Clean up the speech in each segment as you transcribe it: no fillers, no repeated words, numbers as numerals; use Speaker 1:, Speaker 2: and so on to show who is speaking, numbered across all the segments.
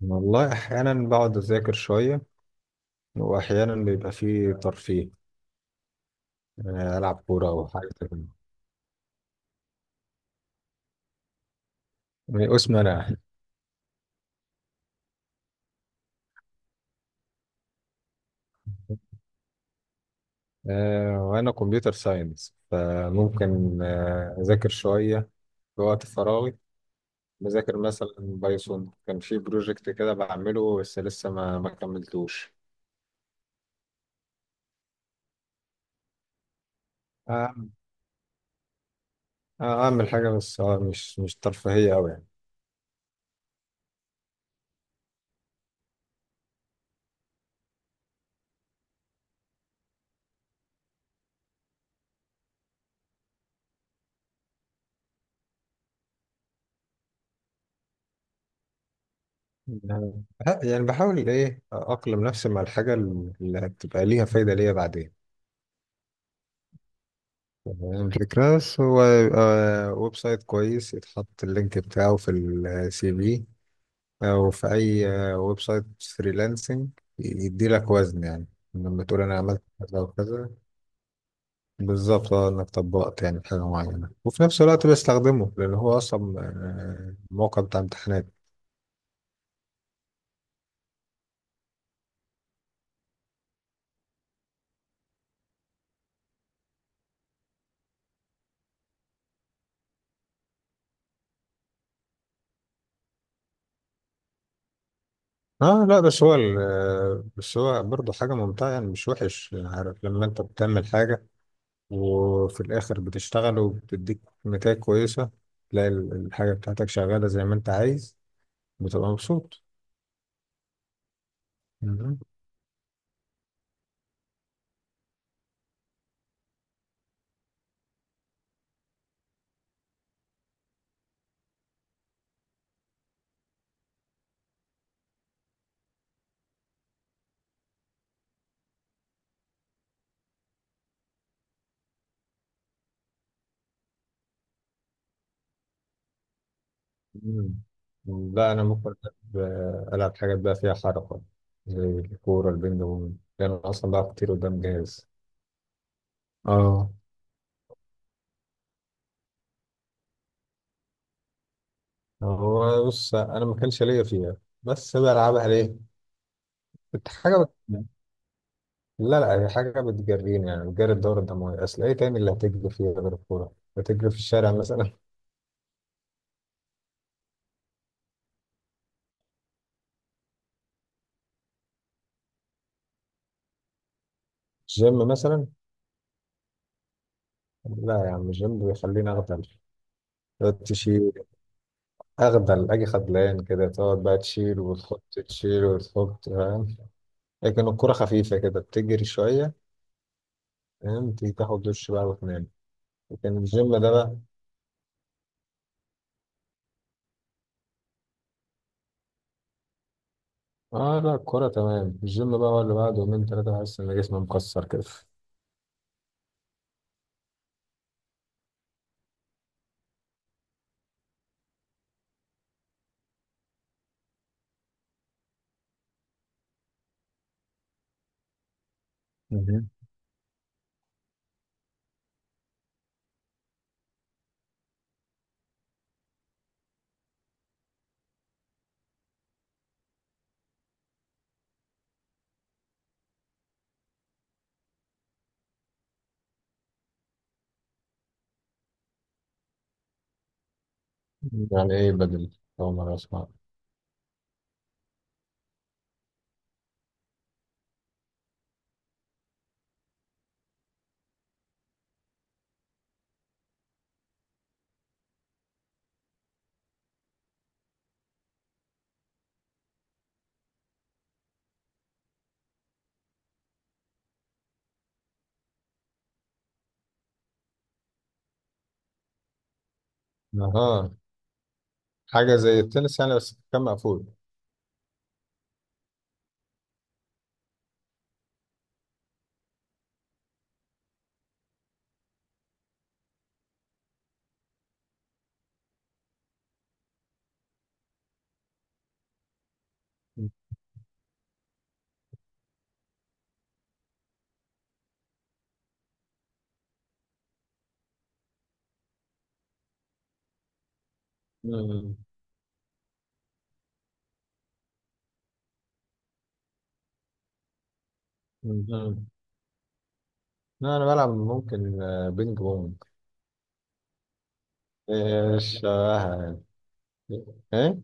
Speaker 1: والله أحيانا بقعد أذاكر شوية، وأحيانا بيبقى فيه ترفيه. يعني ألعب كورة أو حاجة كده. من قسم أنا. وأنا كمبيوتر ساينس، فممكن أذاكر شوية في وقت فراغي. بذاكر مثلا بايثون، كان في بروجكت كده بعمله، بس لسه ما كملتوش. أعمل أعمل حاجة بس مش ترفيهية أوي يعني. يعني بحاول إيه أقلم نفسي مع الحاجة اللي هتبقى ليها فايدة ليا بعدين. تمام الفكرة. بس هو ويب سايت كويس يتحط اللينك بتاعه في السي في، أو في أي ويب سايت فريلانسنج، يديلك وزن يعني لما تقول أنا عملت كذا وكذا. بالظبط، اه إنك طبقت يعني حاجة معينة، وفي نفس الوقت بستخدمه لأن هو أصلا موقع بتاع امتحانات. اه لا، بس هو بس هو برضه حاجة ممتعة يعني، مش وحش. يعني عارف لما انت بتعمل حاجة، وفي الآخر بتشتغل وبتديك نتائج كويسة، تلاقي الحاجة بتاعتك شغالة زي ما أنت عايز، بتبقى مبسوط. مم. مم. لا أنا ممكن ألعب حاجات بقى فيها حركة، زي الكورة، البينج بونج. لأن أنا أصلا بلعب كتير قدام جهاز. اه، هو بص، أنا ما كانش ليا فيها، بس بلعبها ليه؟ كنت حاجة بت... لا لا، هي حاجة بتجريني، يعني بتجري الدورة الدموية. أصل إيه تاني اللي هتجري فيها غير الكورة؟ هتجري في الشارع مثلا؟ الجيم مثلا. لا يا عم، الجيم بيخليني اغدل. تقعد تشيل، اغدل، اجي خدلان كده، تقعد بقى تشيل وتحط، تشيل وتحط، فاهم؟ لكن الكرة خفيفة كده، بتجري شوية، فاهم، تيجي تاخد دش بقى وتنام. لكن الجيم ده بقى، اه لا الكرة تمام. الجيم بقى هو اللي بعد يومين تلاتة بحس ان جسمي مكسر كده. مهم. يعني ايه بدل؟ أول مرة أسمع. اها. حاجة زي التنس يعني، بس كان مقفول. مم. مم. لا أنا بلعب ممكن بينج بونج. إيش شبهها؟ ايه.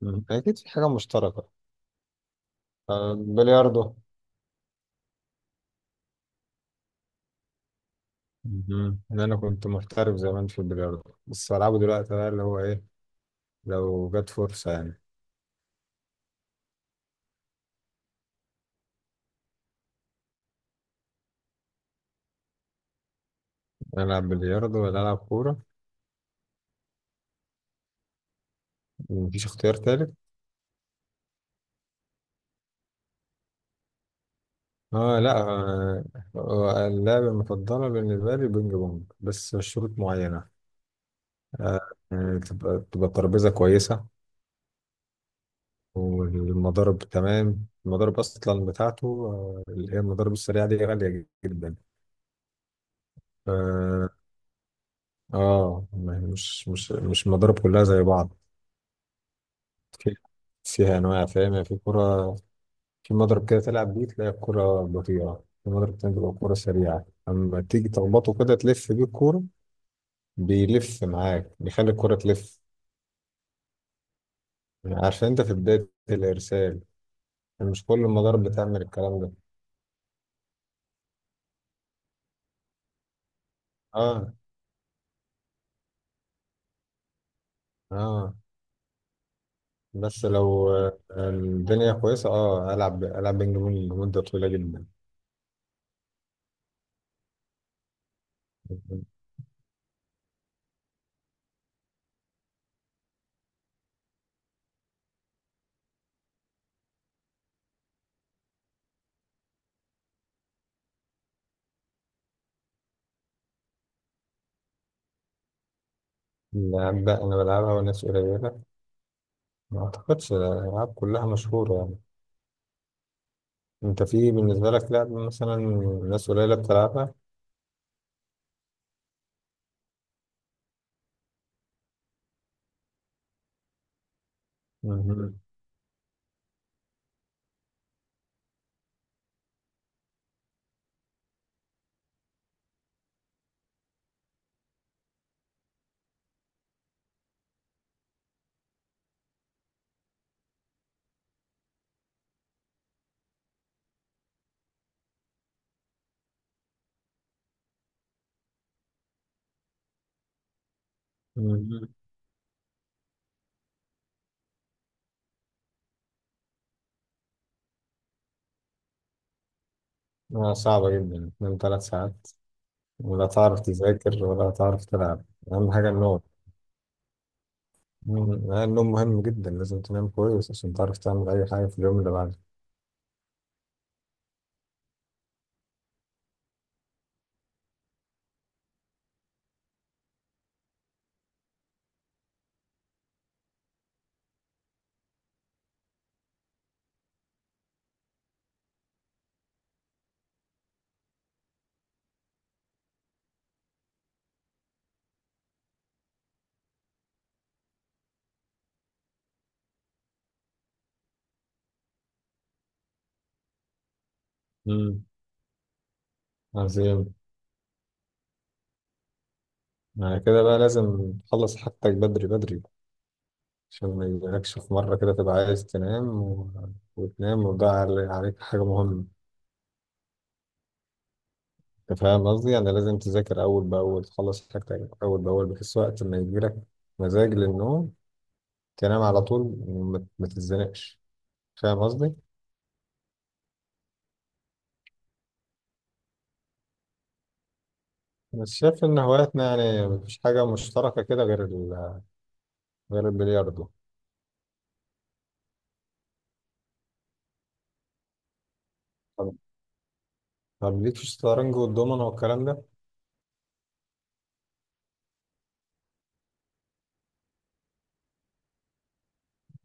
Speaker 1: مم. اكيد في حاجه مشتركه. بلياردو. مم. إن أنا كنت محترف زمان في البلياردو، بس بلعبه دلوقتي بقى اللي هو إيه، لو جت فرصة يعني. ألعب بلياردو ولا ألعب كورة؟ مفيش اختيار تالت. آه لا آه، اللعبة المفضلة بالنسبة لي بينج بونج، بس شروط معينة. آه تبقى ترابيزة كويسة، والمضارب تمام. المضارب أصلا بتاعته اللي هي المضارب السريعة دي غالية جدا. آه، اه، ما هي مش المضارب كلها زي بعض. في فيها انواع، فاهم، يعني في كرة. في مضرب كده تلعب بيه تلاقي الكرة بطيئة، في مضرب تاني تبقى الكرة سريعة، اما تيجي تخبطه كده تلف بيه الكورة، بيلف معاك، بيخلي الكرة تلف، عشان انت في بداية الارسال. يعني مش كل المضارب بتعمل الكلام ده. اه. اه. بس لو الدنيا كويسة، اه، العب بينج بونج لمدة طويلة جدا. اللعب ده انا بلعبها وناس قليلة. ما اعتقدش الالعاب كلها مشهوره يعني. انت في بالنسبه لك لعبه مثلا ناس قليله بتلعبها؟ مهم. مهم. صعبه جدا من 3 ساعات، ولا تعرف تذاكر ولا تعرف تلعب. اهم حاجه النوم. مم. النوم مهم جدا، لازم تنام كويس عشان تعرف تعمل اي حاجه في اليوم اللي بعده. مم. عظيم. يعني كده بقى لازم تخلص حاجتك بدري بدري، عشان ما يجيلكش في مره كده تبقى عايز تنام وتنام وتضيع عليك حاجه مهمه. أنت فاهم قصدي؟ يعني لازم تذاكر أول بأول، تخلص حاجتك أول بأول، بحيث وقت ما يجيلك مزاج للنوم تنام على طول، ما تتزنقش. فاهم قصدي؟ بس شايف إن هواياتنا يعني مفيش حاجة مشتركة كده غير غير البلياردو. طب. طب ليك في الشطرنج والدومنة والكلام ده؟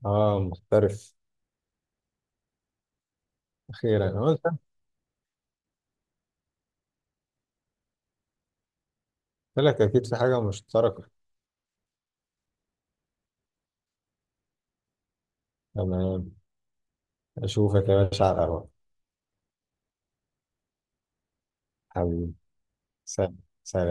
Speaker 1: آه محترف. أخيرا أنا قلت. قلت لك أكيد في حاجة مشتركة. تمام. أشوفك يا باشا على القهوة. حبيبي. سلام. سلام.